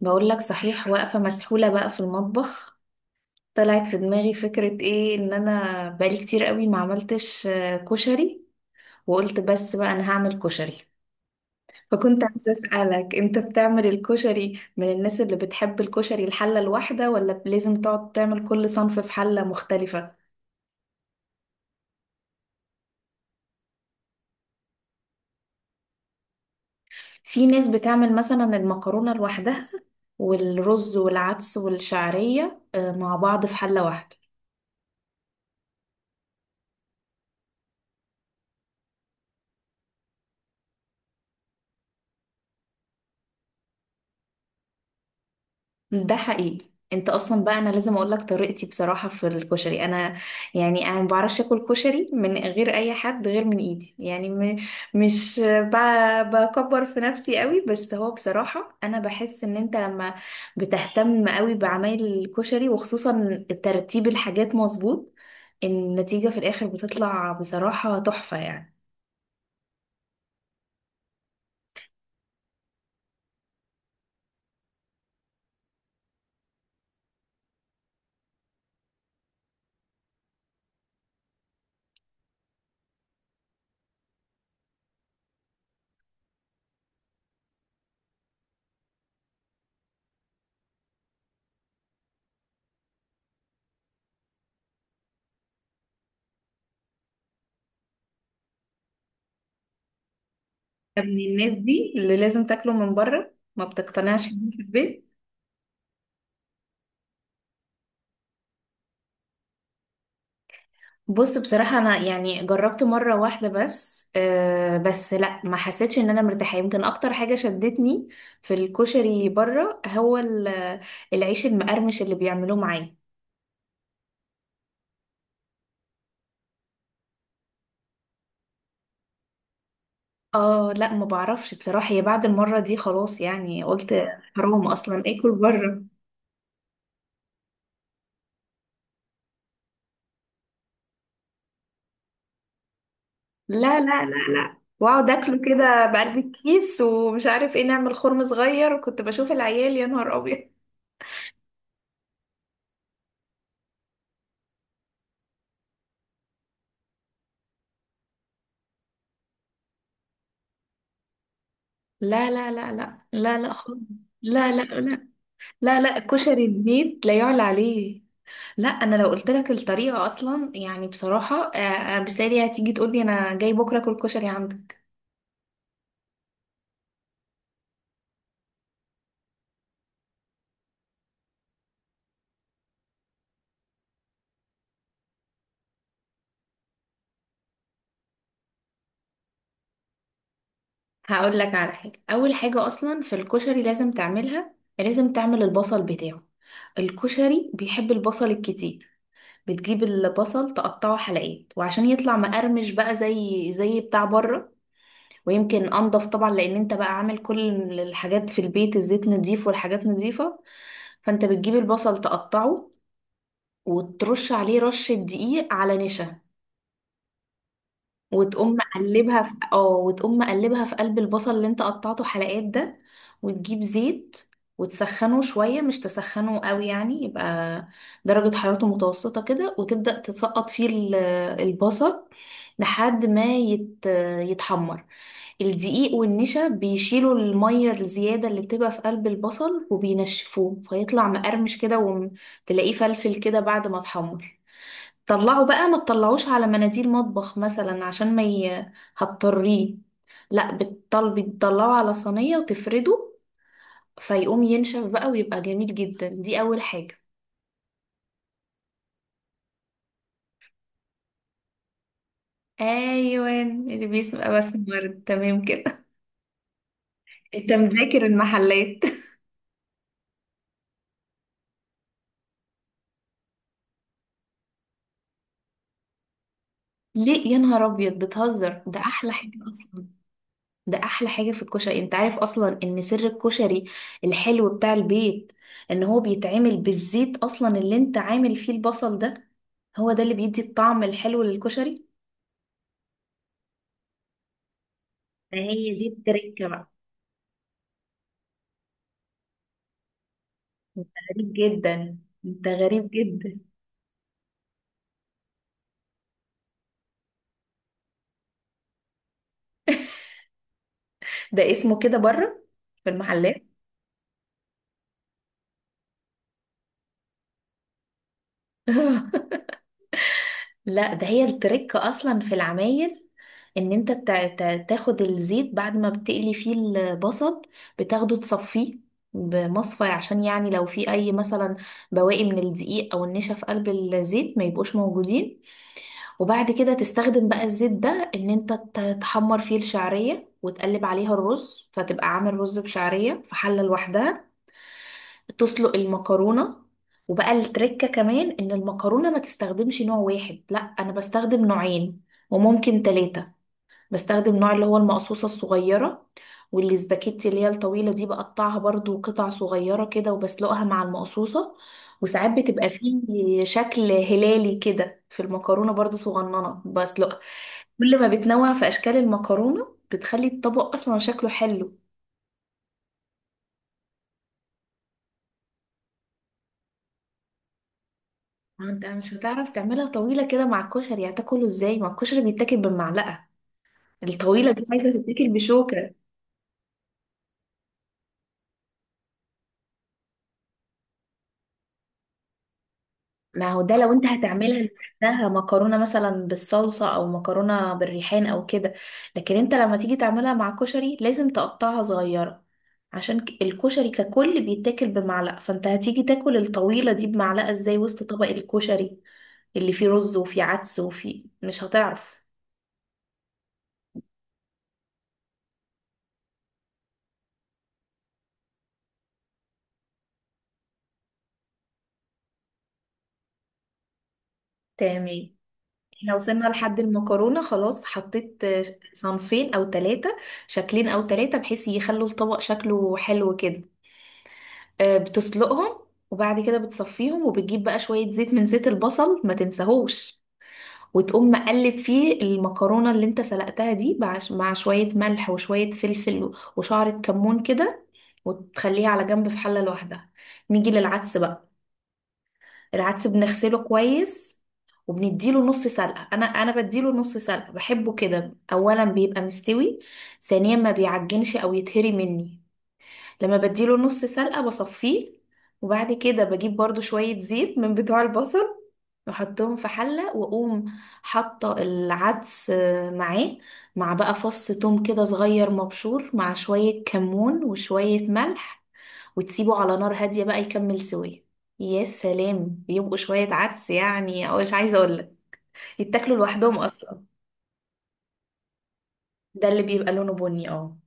بقول لك صحيح، واقفة مسحولة بقى في المطبخ. طلعت في دماغي فكرة، ايه ان انا بقالي كتير قوي ما عملتش كشري. وقلت بس بقى انا هعمل كشري. فكنت عايزة اسألك، انت بتعمل الكشري من الناس اللي بتحب الكشري الحلة الواحدة، ولا لازم تقعد تعمل كل صنف في حلة مختلفة؟ في ناس بتعمل مثلا المكرونة لوحدها، والرز والعدس والشعرية مع بعض في حلة واحدة. ده حقيقي. انت اصلا بقى، انا لازم اقول لك طريقتي بصراحه في الكشري. انا يعني انا ما بعرفش اكل كشري من غير اي حد غير من ايدي، يعني مش بكبر في نفسي قوي، بس هو بصراحه انا بحس ان انت لما بتهتم قوي بعمايل الكشري، وخصوصا ترتيب الحاجات مظبوط، النتيجه في الاخر بتطلع بصراحه تحفه يعني. من الناس دي اللي لازم تاكله من بره، ما بتقتنعش بيه في البيت. بص، بصراحة أنا يعني جربت مرة واحدة بس، أه بس لأ، ما حسيتش إن أنا مرتاحة. يمكن أكتر حاجة شدتني في الكشري بره هو العيش المقرمش اللي بيعملوه معاه. اه لأ، ما بعرفش بصراحة، هي بعد المرة دي خلاص يعني قلت حرام أصلا آكل بره. لا لا لا لا، واقعد اكله كده بقلب الكيس ومش عارف ايه، نعمل خرم صغير، وكنت بشوف العيال، يا نهار ابيض. لا لا لا لا لا لا خالص. لا لا لا. لا لا كشري البيت لا يعلى عليه. لا، انا لو قلت لك الطريقه اصلا يعني بصراحه، بسالي هتيجي تقول لي انا جاي بكره اكل كشري عندك. هقول لك على حاجه، اول حاجه اصلا في الكشري لازم تعملها، لازم تعمل البصل بتاعه. الكشري بيحب البصل الكتير. بتجيب البصل، تقطعه حلقات، وعشان يطلع مقرمش بقى زي بتاع بره، ويمكن انضف طبعا لان انت بقى عامل كل الحاجات في البيت، الزيت نضيف والحاجات نضيفه. فانت بتجيب البصل تقطعه، وترش عليه رشة دقيق على نشا، وتقوم مقلبها في قلب البصل اللي انت قطعته حلقات ده. وتجيب زيت وتسخنه شوية، مش تسخنه قوي يعني، يبقى درجة حرارته متوسطة كده، وتبدأ تسقط فيه البصل لحد ما يتحمر. الدقيق والنشا بيشيلوا المية الزيادة اللي بتبقى في قلب البصل وبينشفوه، فيطلع مقرمش كده وتلاقيه فلفل كده بعد ما اتحمر. طلعه بقى، ما تطلعوش على مناديل مطبخ مثلا عشان ما ي... هتطريه، لا، بالطل بتطلعه على صينية وتفرده فيقوم ينشف بقى ويبقى جميل جدا. دي أول حاجة. ايوه، اللي بيسمع بسمر، تمام كده. انت مذاكر المحلات. ليه، يا نهار ابيض بتهزر، ده احلى حاجة اصلا. ده احلى حاجه في الكشري. انت عارف اصلا ان سر الكشري الحلو بتاع البيت ان هو بيتعمل بالزيت اصلا اللي انت عامل فيه البصل ده. هو ده اللي بيدي الطعم الحلو للكشري. فهي دي التركه بقى. غريب جدا. انت غريب جدا. ده اسمه كده بره في المحلات. لا، ده هي الترك اصلا في العمايل، ان انت تاخد الزيت بعد ما بتقلي فيه البصل، بتاخده تصفيه بمصفى عشان يعني لو في اي مثلا بواقي من الدقيق او النشا في قلب الزيت ما يبقوش موجودين. وبعد كده تستخدم بقى الزيت ده ان انت تحمر فيه الشعرية وتقلب عليها الرز، فتبقى عامل رز بشعرية في حلة لوحدها. تسلق المكرونة، وبقى التركة كمان ان المكرونة ما تستخدمش نوع واحد، لا، انا بستخدم نوعين، وممكن ثلاثة. بستخدم نوع اللي هو المقصوصة الصغيرة، والسباكيتي اللي هي الطويلة دي بقطعها برضو قطع صغيرة كده وبسلقها مع المقصوصة. وساعات بتبقى فيه شكل هلالي كده في المكرونة برضو صغننة بسلقها. كل ما بتنوع في أشكال المكرونة بتخلي الطبق أصلا شكله حلو. ما انت مش هتعرف تعملها طويلة كده مع الكشري، هتاكله ازاي؟ ما الكشري بيتاكل بالمعلقة، الطويلة دي عايزة تتاكل بشوكة. ما هو ده لو انت هتعملها لوحدها، مكرونة مثلا بالصلصة او مكرونة بالريحان او كده، لكن انت لما تيجي تعملها مع كشري لازم تقطعها صغيرة، عشان الكشري ككل بيتاكل بمعلقة، فانت هتيجي تاكل الطويلة دي بمعلقة ازاي وسط طبق الكشري اللي فيه رز وفيه عدس وفيه مش هتعرف. تمام. احنا وصلنا لحد المكرونة خلاص، حطيت صنفين او ثلاثة، شكلين او ثلاثة بحيث يخلوا الطبق شكله حلو كده. بتسلقهم، وبعد كده بتصفيهم وبتجيب بقى شوية زيت من زيت البصل، ما تنساهوش، وتقوم مقلب فيه المكرونة اللي انت سلقتها دي مع شوية ملح وشوية فلفل وشعرة كمون كده، وتخليها على جنب في حلة لوحدها. نيجي للعدس بقى. العدس بنغسله كويس، وبنديله نص سلقة. انا بديله نص سلقة، بحبه كده، اولا بيبقى مستوي، ثانيا ما بيعجنش او يتهري مني. لما بديله نص سلقة بصفيه، وبعد كده بجيب برضو شوية زيت من بتوع البصل واحطهم في حلة، واقوم حاطة العدس معاه، مع بقى فص توم كده صغير مبشور، مع شوية كمون وشوية ملح، وتسيبه على نار هادية بقى يكمل سوية. يا سلام، يبقوا شوية عدس يعني، او مش عايزة اقولك، يتاكلوا لوحدهم اصلا. ده اللي بيبقى لونه بني، اه.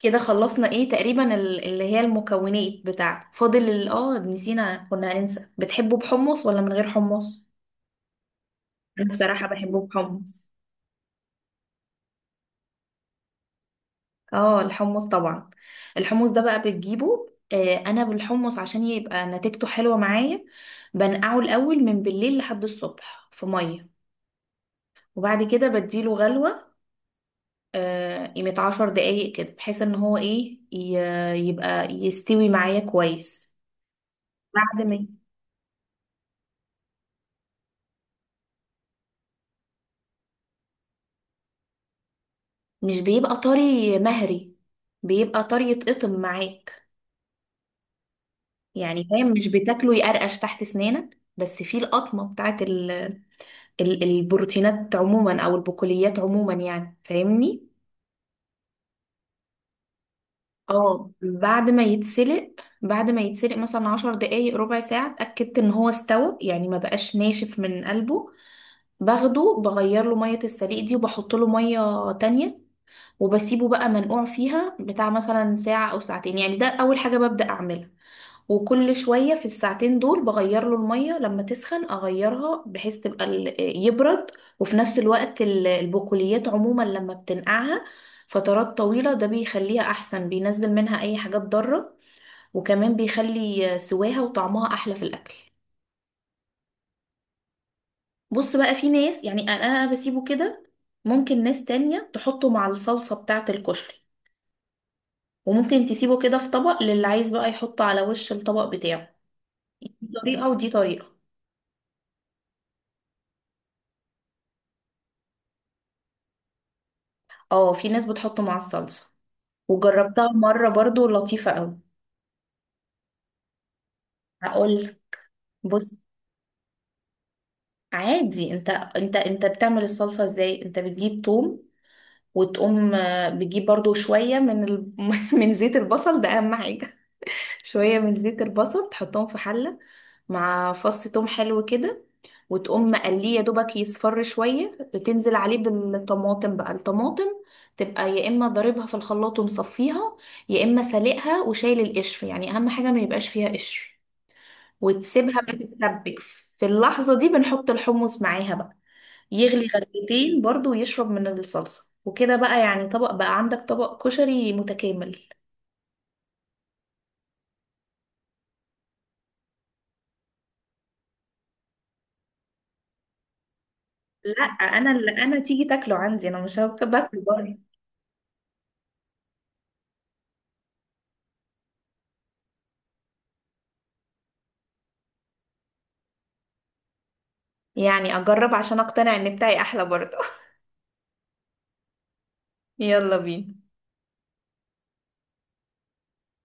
كده خلصنا ايه تقريبا اللي هي المكونات بتاعته. فاضل نسينا، كنا هننسى، بتحبه بحمص ولا من غير حمص؟ انا بصراحة بحبه بحمص. اه، الحمص طبعا. الحمص ده بقى بتجيبه، انا بالحمص عشان يبقى نتيجته حلوة معايا، بنقعه الاول من بالليل لحد الصبح في مية، وبعد كده بديله غلوة، قيمة 10 دقايق كده بحيث ان هو ايه، يبقى يستوي معايا كويس. بعد ما مش بيبقى طري مهري، بيبقى طري يتقطم معاك، يعني فاهم، مش بتاكله يقرقش تحت سنانك، بس فيه القطمة بتاعت البروتينات عموما او البقوليات عموما، يعني فاهمني. اه، بعد ما يتسلق. بعد ما يتسلق مثلا 10 دقايق، ربع ساعة، اتأكدت ان هو استوى يعني ما بقاش ناشف من قلبه، باخده بغير له مية السليق دي وبحط له مية تانية، وبسيبه بقى منقوع فيها بتاع مثلا ساعة أو ساعتين يعني. ده أول حاجة ببدأ أعملها، وكل شوية في الساعتين دول بغير له المية، لما تسخن أغيرها بحيث تبقى يبرد. وفي نفس الوقت البقوليات عموما لما بتنقعها فترات طويلة ده بيخليها أحسن، بينزل منها أي حاجات ضارة، وكمان بيخلي سواها وطعمها أحلى في الأكل. بص بقى، في ناس يعني انا بسيبه كده، ممكن ناس تانية تحطه مع الصلصة بتاعة الكشري، وممكن تسيبه كده في طبق للي عايز بقى يحطه على وش الطبق بتاعه. دي طريقة ودي طريقة. اه، في ناس بتحطه مع الصلصة، وجربتها مرة برضو لطيفة قوي. هقول، بص، عادي. انت بتعمل الصلصة ازاي؟ انت بتجيب توم، وتقوم بتجيب برضو شوية من من زيت البصل، ده اهم حاجة. شوية من زيت البصل تحطهم في حلة مع فص توم حلو كده، وتقوم مقليه يا دوبك يصفر شوية، تنزل عليه بالطماطم بقى. الطماطم تبقى يا إما ضاربها في الخلاط ومصفيها، يا إما سالقها وشايل القشر، يعني أهم حاجة ما يبقاش فيها قشر، وتسيبها بقى تتسبك. في اللحظة دي بنحط الحمص معاها بقى، يغلي غلوتين برضو ويشرب من الصلصة، وكده بقى يعني طبق بقى، عندك طبق كشري متكامل. لا، انا اللي انا تيجي تاكله عندي، انا مش هبقى باكله بره. يعني اجرب عشان اقتنع ان بتاعي احلى برضه. يلا بينا.